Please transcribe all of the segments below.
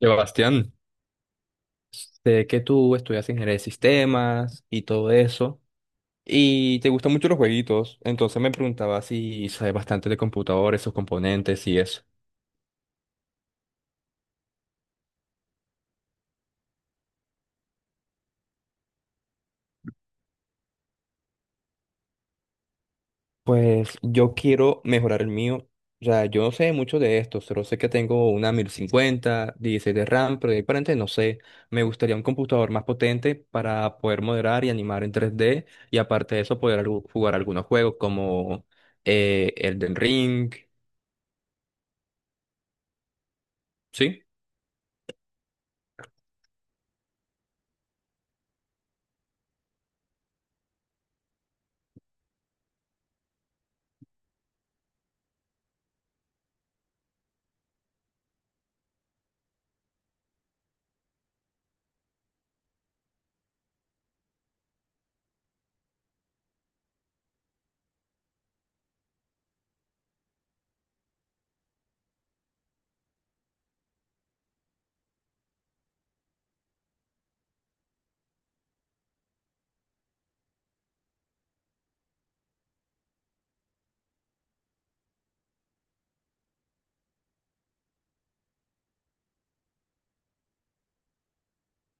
Sebastián, sé que tú estudias ingeniería de sistemas y todo eso, y te gustan mucho los jueguitos, entonces me preguntaba si sabes bastante de computadores, sus componentes y eso. Pues yo quiero mejorar el mío, o sea, yo no sé mucho de esto, solo sé que tengo una 1050 16 de RAM, pero de ahí para adelante no sé. Me gustaría un computador más potente para poder moderar y animar en 3D y aparte de eso poder jugar algunos juegos como Elden Ring, ¿sí?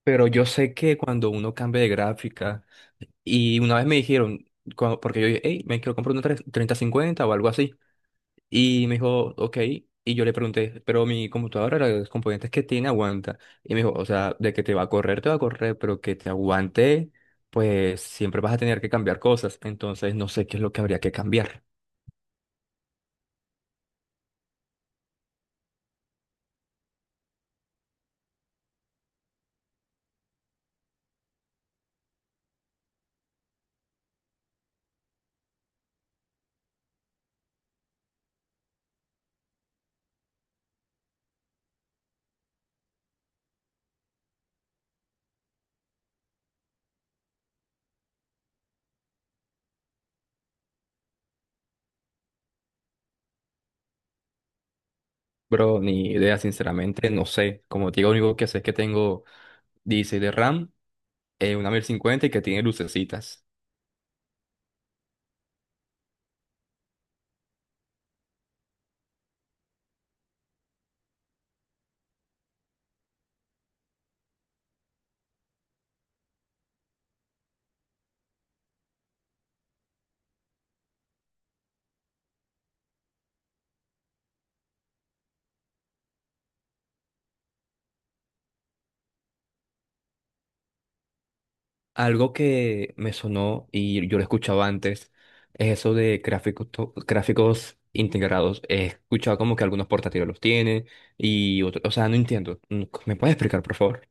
Pero yo sé que cuando uno cambia de gráfica, y una vez me dijeron, porque yo dije, hey, me quiero comprar una 3050 o algo así, y me dijo, ok, y yo le pregunté, pero mi computadora, los componentes que tiene, aguanta. Y me dijo, o sea, de que te va a correr, te va a correr, pero que te aguante, pues siempre vas a tener que cambiar cosas, entonces no sé qué es lo que habría que cambiar. Bro, ni idea, sinceramente, no sé. Como te digo, lo único que sé es que tengo 16 de RAM, una 1050 y que tiene lucecitas. Algo que me sonó y yo lo escuchaba antes es eso de gráficos, gráficos integrados. He escuchado como que algunos portátiles los tienen y otros, o sea, no entiendo. ¿Me puedes explicar, por favor?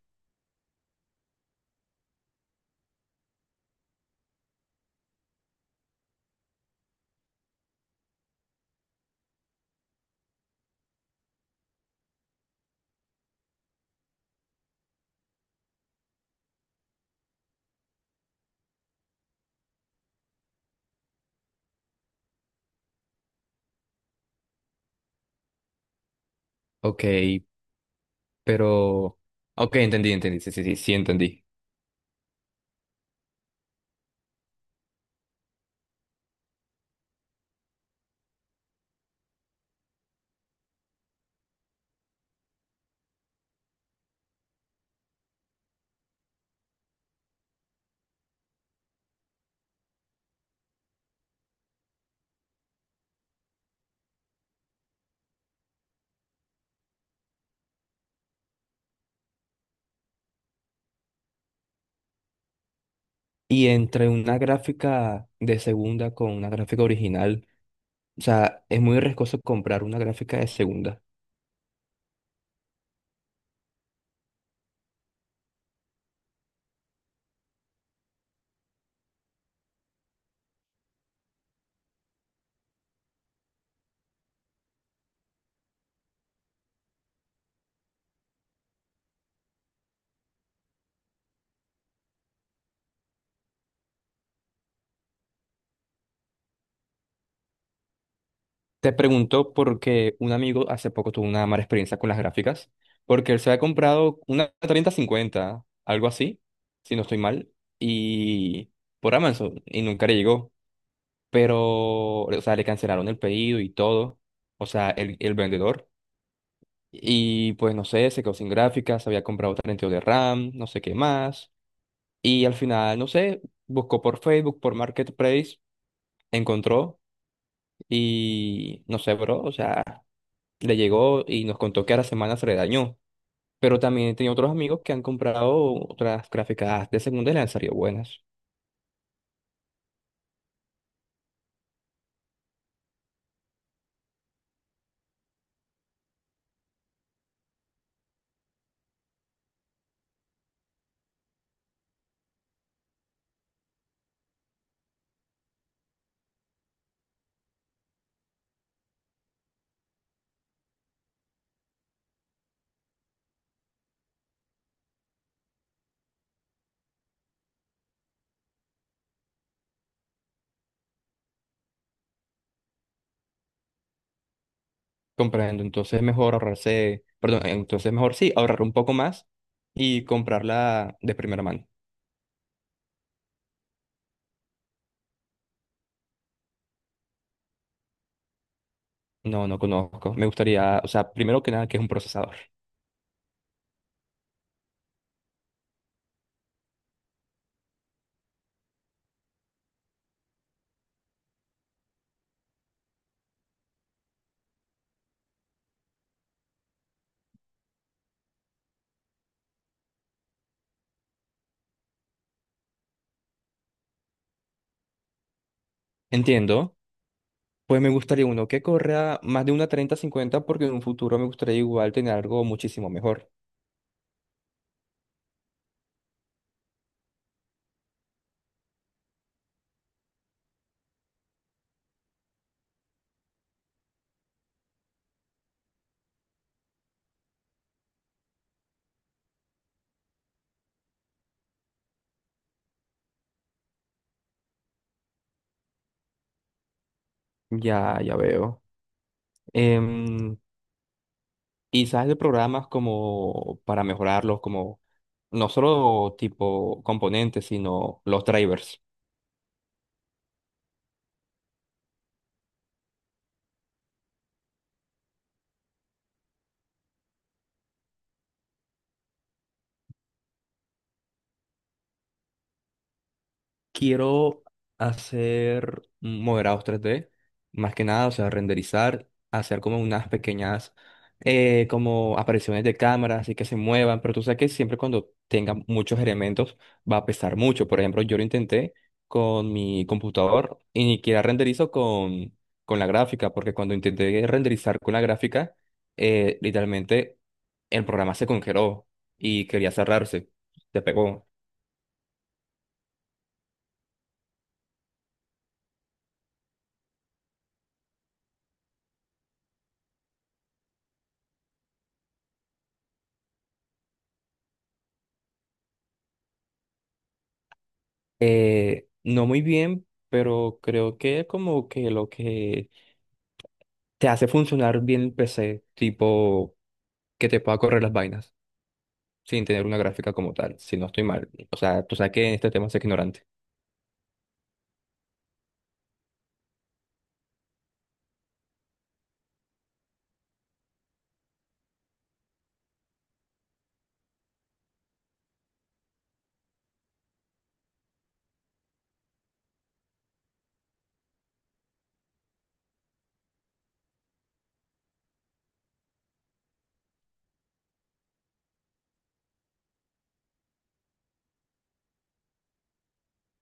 Ok, pero. Ok, entendí, entendí, sí, sí, sí, sí, entendí. Y entre una gráfica de segunda con una gráfica original, o sea, es muy riesgoso comprar una gráfica de segunda. Te pregunto porque un amigo hace poco tuvo una mala experiencia con las gráficas, porque él se había comprado una 3050, algo así, si no estoy mal, y por Amazon, y nunca le llegó, pero, o sea, le cancelaron el pedido y todo, o sea, el vendedor, y pues no sé, se quedó sin gráficas, había comprado 32 de RAM, no sé qué más, y al final, no sé, buscó por Facebook, por Marketplace, encontró, y no sé, bro, o sea. Le llegó y nos contó que a la semana se le dañó. Pero también tenía otros amigos que han comprado otras gráficas de segunda y le han salido buenas. Comprando, entonces mejor ahorrarse, perdón, entonces mejor sí, ahorrar un poco más y comprarla de primera mano. No, no conozco. Me gustaría, o sea, primero que nada, que es un procesador. Entiendo. Pues me gustaría uno que corra más de una 3050 porque en un futuro me gustaría igual tener algo muchísimo mejor. Ya, ya veo. Em, Y sabes de programas como para mejorarlos, como no solo tipo componentes, sino los drivers. Quiero hacer moderados 3D más que nada, o sea, renderizar, hacer como unas pequeñas como apariciones de cámara, así que se muevan, pero tú sabes que siempre cuando tenga muchos elementos va a pesar mucho. Por ejemplo, yo lo intenté con mi computador y ni siquiera renderizo con la gráfica, porque cuando intenté renderizar con la gráfica, literalmente el programa se congeló y quería cerrarse, se pegó. No muy bien, pero creo que es como que lo que te hace funcionar bien el PC, tipo que te pueda correr las vainas sin tener una gráfica como tal, si no estoy mal. O sea, tú sabes que en este tema soy ignorante.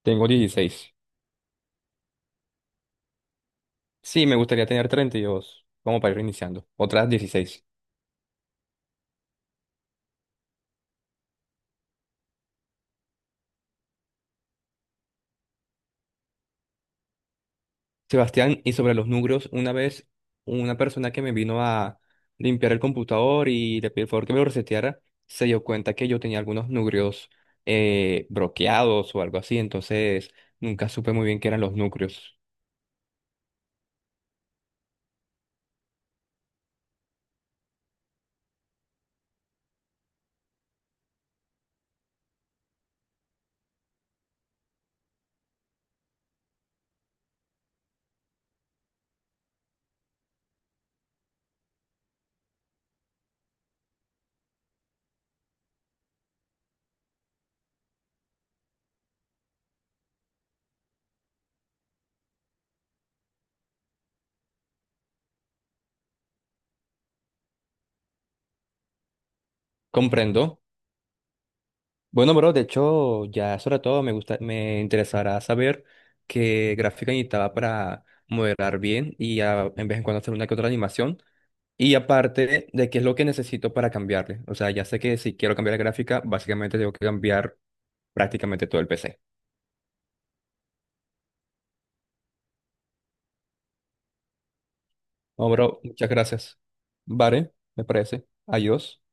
Tengo 16. Sí, me gustaría tener 32 como para ir iniciando. Otras 16. Sebastián, y sobre los núcleos, una vez una persona que me vino a limpiar el computador y le pedí el favor que me lo reseteara, se dio cuenta que yo tenía algunos núcleos bloqueados o algo así, entonces nunca supe muy bien qué eran los núcleos. Comprendo. Bueno, bro, de hecho, ya sobre todo me gusta, me interesará saber qué gráfica necesitaba para modelar bien y en vez en cuando hacer una que otra animación. Y aparte de qué es lo que necesito para cambiarle. O sea, ya sé que si quiero cambiar la gráfica, básicamente tengo que cambiar prácticamente todo el PC. No, bro, muchas gracias. Vale, me parece. Adiós.